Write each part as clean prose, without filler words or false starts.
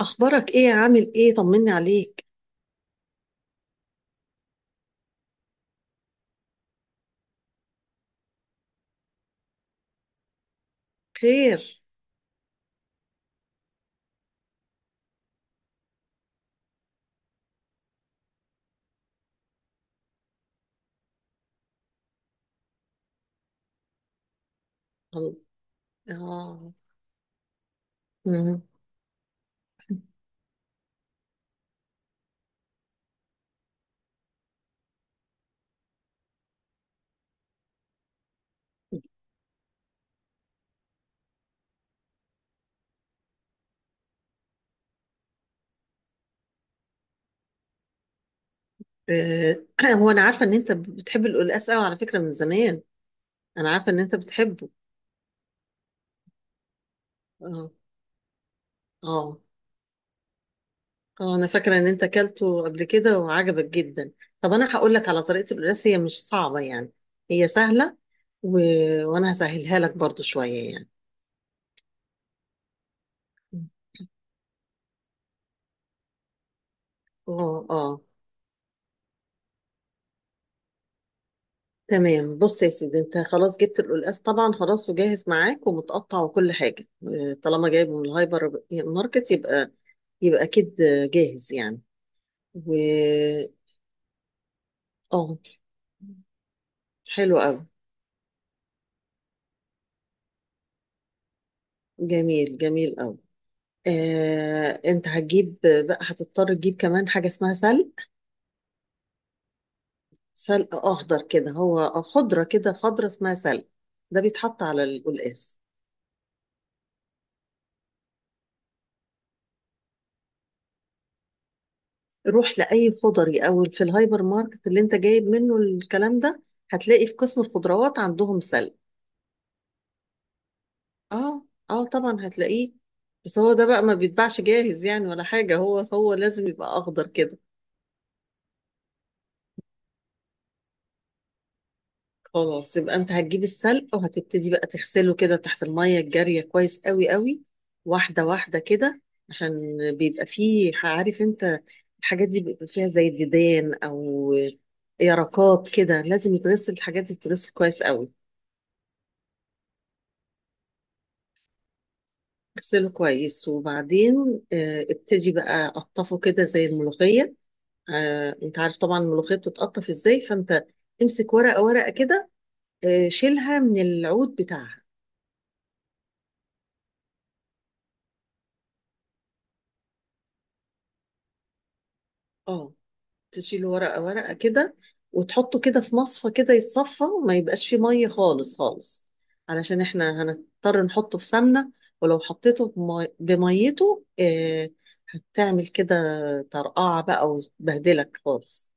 اخبارك ايه؟ عامل ايه؟ طمني عليك. خير؟ الله. اه. مم. آه، هو انا عارفه ان انت بتحب القلقاس قوي على فكره من زمان، انا عارفه ان انت بتحبه. اه، اه. انا فاكره ان انت اكلته قبل كده وعجبك جدا. طب انا هقول لك على طريقه القلقاس، هي مش صعبه يعني، هي سهله. و... وانا هسهلها لك برضو شويه يعني. اه، اه، تمام. بص يا سيدي، انت خلاص جبت القلقاس طبعا، خلاص وجاهز معاك ومتقطع وكل حاجه. اه، طالما جايبه من الهايبر ماركت، يبقى اكيد جاهز يعني. و اه، حلو قوي. جميل، جميل قوي. انت هتجيب بقى، هتضطر تجيب كمان حاجه اسمها سلق. سلق اخضر كده، هو خضره كده، خضره اسمها سلق، ده بيتحط على القلقاس. روح لأي خضري أو في الهايبر ماركت اللي أنت جايب منه الكلام ده، هتلاقي في قسم الخضروات عندهم سلق. اه، اه طبعا هتلاقيه. بس هو ده بقى ما بيتباعش جاهز يعني ولا حاجة، هو لازم يبقى أخضر كده. خلاص، يبقى أنت هتجيب السلق وهتبتدي بقى تغسله كده تحت المية الجارية كويس قوي قوي، واحدة واحدة كده. عشان بيبقى فيه، عارف أنت، الحاجات دي بيبقى فيها زي الديدان أو يرقات كده، لازم يتغسل، الحاجات دي تتغسل كويس قوي. اغسله كويس وبعدين ابتدي بقى قطفه كده زي الملوخية. انت عارف طبعا الملوخية بتتقطف ازاي، فانت امسك ورقة ورقة كده، شيلها من العود بتاعها. اه، تشيل ورقة ورقة كده، وتحطه كده في مصفى كده يتصفى وما يبقاش فيه مية خالص خالص، علشان احنا هنضطر نحطه في سمنة. ولو حطيته بميته هتعمل كده طرقعة بقى وتبهدلك خالص.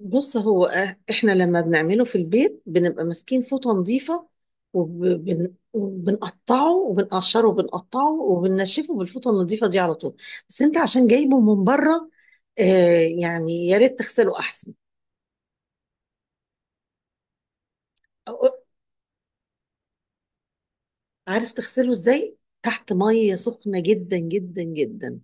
بص، احنا لما بنعمله في البيت بنبقى ماسكين فوطة نظيفة، وبنقطعه وبنقشره وبنقطعه وبننشفه بالفوطة النظيفة دي على طول. بس انت عشان جايبه من بره، آه يعني يا ريت تغسله احسن. أو- عارف تغسله ازاي؟ تحت مية سخنة جدا جدا جدا.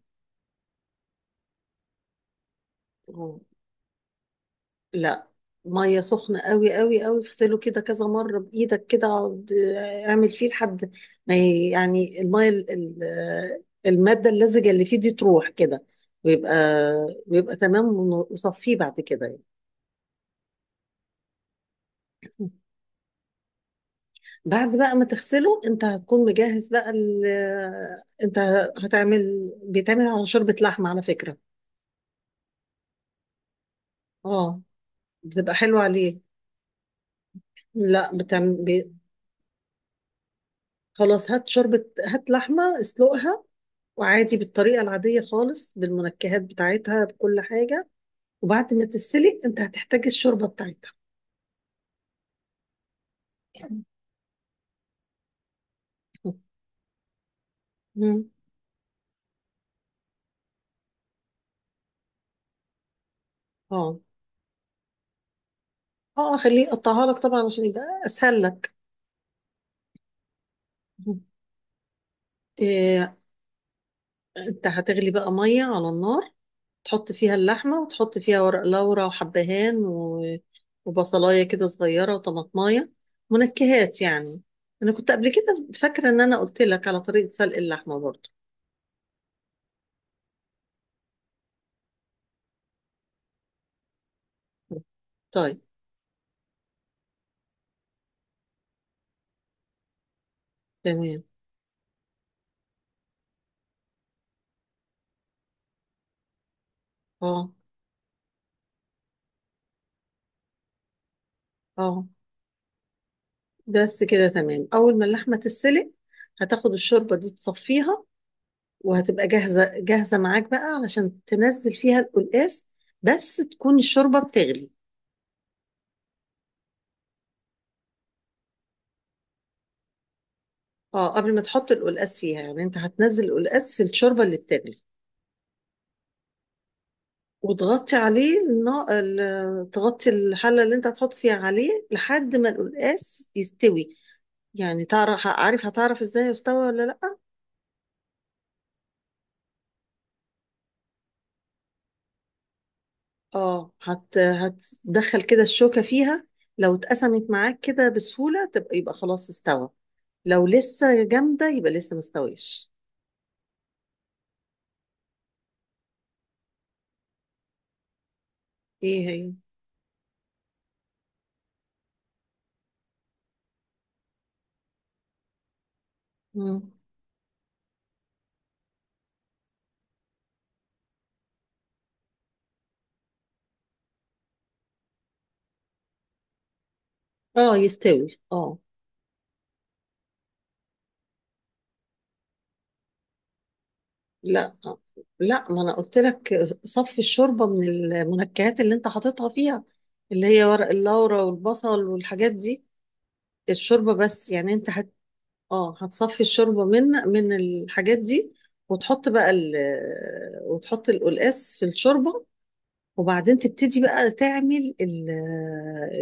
لا، ميه سخنه قوي قوي قوي، اغسله كده كذا مره بايدك كده، اقعد اعمل فيه لحد ما يعني الميه الماده اللزجه اللي فيه دي تروح كده، ويبقى ويبقى تمام، وصفيه بعد كده يعني. بعد بقى ما تغسله، انت هتكون مجهز بقى انت بيتعمل على شوربه لحمه على فكره. اه، بتبقى حلوه عليه. لا، بتعمل. خلاص، هات شوربه، هات لحمه، اسلقها، وعادي بالطريقة العادية خالص بالمنكهات بتاعتها بكل حاجة، وبعد ما تتسلق انت هتحتاج الشوربة بتاعتها. مم. اه، اه، خليه يقطعها لك طبعا عشان يبقى اسهل لك. مم. إيه، انت هتغلي بقى مية على النار، تحط فيها اللحمة وتحط فيها ورق لورا وحبهان وبصلاية كده صغيرة وطماطماية، منكهات يعني. انا كنت قبل كده فاكرة ان انا قلت لك على طريقة سلق اللحمة برضو. طيب. تمام. اه، اه، بس كده تمام، اول ما اللحمه تتسلق، هتاخد الشوربه دي تصفيها، وهتبقى جاهزه جاهزه معاك بقى علشان تنزل فيها القلقاس، بس تكون الشوربه بتغلي. اه، قبل ما تحط القلقاس فيها يعني، انت هتنزل القلقاس في الشوربه اللي بتغلي، وتغطي عليه تغطي الحله اللي انت هتحط فيها عليه لحد ما القلقاس يستوي. يعني عارف، هتعرف ازاي يستوى ولا لا؟ اه، هتدخل كده الشوكة فيها، لو اتقسمت معاك كده بسهولة يبقى خلاص استوى، لو لسه جامدة يبقى لسه مستويش. ايه هي؟ مم. اه، يستوي، اه. لا، لا، ما انا قلت لك صفي الشوربة من المنكهات اللي انت حاططها فيها، اللي هي ورق اللورا والبصل والحاجات دي. الشوربة بس يعني، انت اه، هتصفي الشوربة من الحاجات دي، وتحط بقى ال... وتحط القلقاس في الشوربة، وبعدين تبتدي بقى تعمل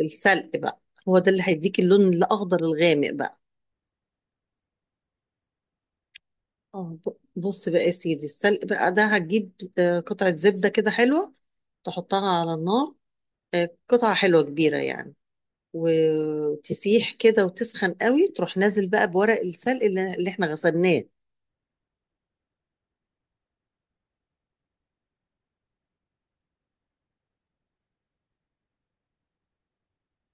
السلق بقى، هو ده اللي هيديك اللون الاخضر الغامق بقى. اه، بص بقى يا سيدي، السلق بقى ده هتجيب قطعة زبدة كده حلوة، تحطها على النار، قطعة حلوة كبيرة يعني، وتسيح كده وتسخن قوي، تروح نازل بقى بورق السلق اللي احنا غسلناه.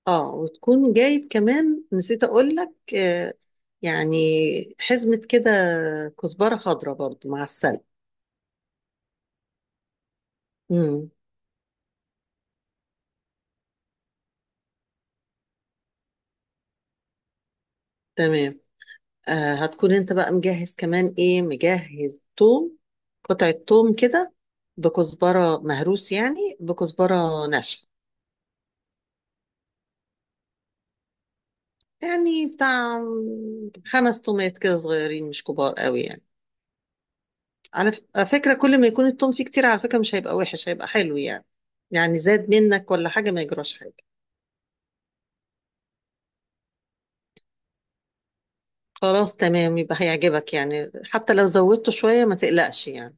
اه، وتكون جايب كمان، نسيت اقول لك يعني حزمة كده كزبرة خضراء برضو مع السلق. امم، تمام. هتكون انت بقى مجهز كمان ايه، مجهز توم، قطعة توم كده بكزبرة مهروس يعني بكزبرة ناشفة، يعني بتاع خمس تومات كده صغيرين مش كبار قوي يعني. على فكرة كل ما يكون التوم فيه كتير على فكرة مش هيبقى وحش، هيبقى حلو يعني، يعني زاد منك ولا حاجة، ما يجراش حاجة. خلاص، تمام، يبقى هيعجبك يعني، حتى لو زودته شوية ما تقلقش يعني.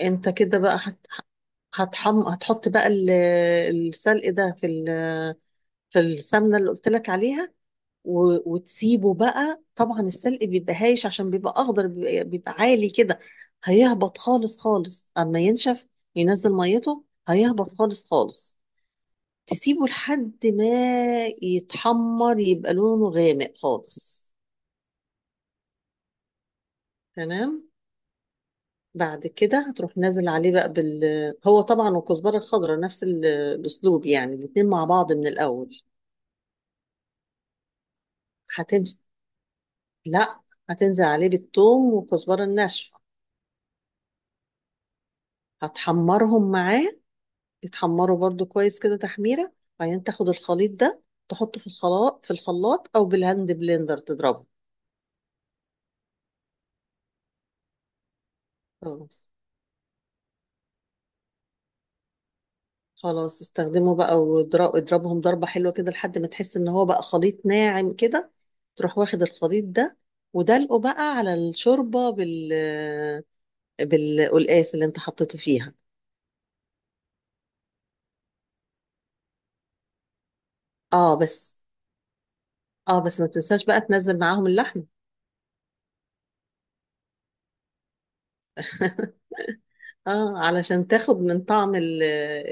انت كده بقى هتحط بقى السلق ده في في السمنة اللي قلت لك عليها، وتسيبه بقى، طبعا السلق بيبقى هايش عشان بيبقى أخضر، بيبقى عالي كده، هيهبط خالص خالص أما ينشف، ينزل ميته هيهبط خالص خالص، تسيبه لحد ما يتحمر، يبقى لونه غامق خالص. تمام. بعد كده هتروح نازل عليه بقى هو طبعا، والكزبرة الخضراء نفس الأسلوب يعني، الاتنين مع بعض من الأول. هتمشي. لا، هتنزل عليه بالثوم والكزبرة الناشفة، هتحمرهم معاه، يتحمروا برضو كويس كده تحميرة. بعدين تاخد الخليط ده تحطه في الخلاط، او بالهاند بلندر تضربه. خلاص، خلاص استخدمه بقى، اضربهم ضربة حلوة كده لحد ما تحس ان هو بقى خليط ناعم كده. تروح واخد الخليط ده ودلقه بقى على الشوربة بالقلقاس اللي انت حطيته فيها. اه بس، ما تنساش بقى تنزل معاهم اللحم. اه، علشان تاخد من طعم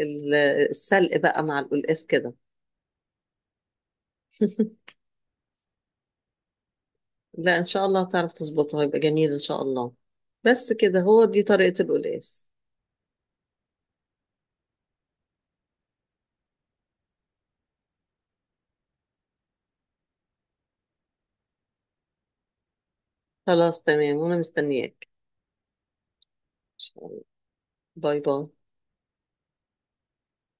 ال- السلق بقى مع القلقاس كده. لا، ان شاء الله تعرف تظبطها، يبقى جميل ان شاء الله. بس كده، هو دي طريقة القلقاس. خلاص، تمام، وانا مستنياك. ان شاء الله. باي باي.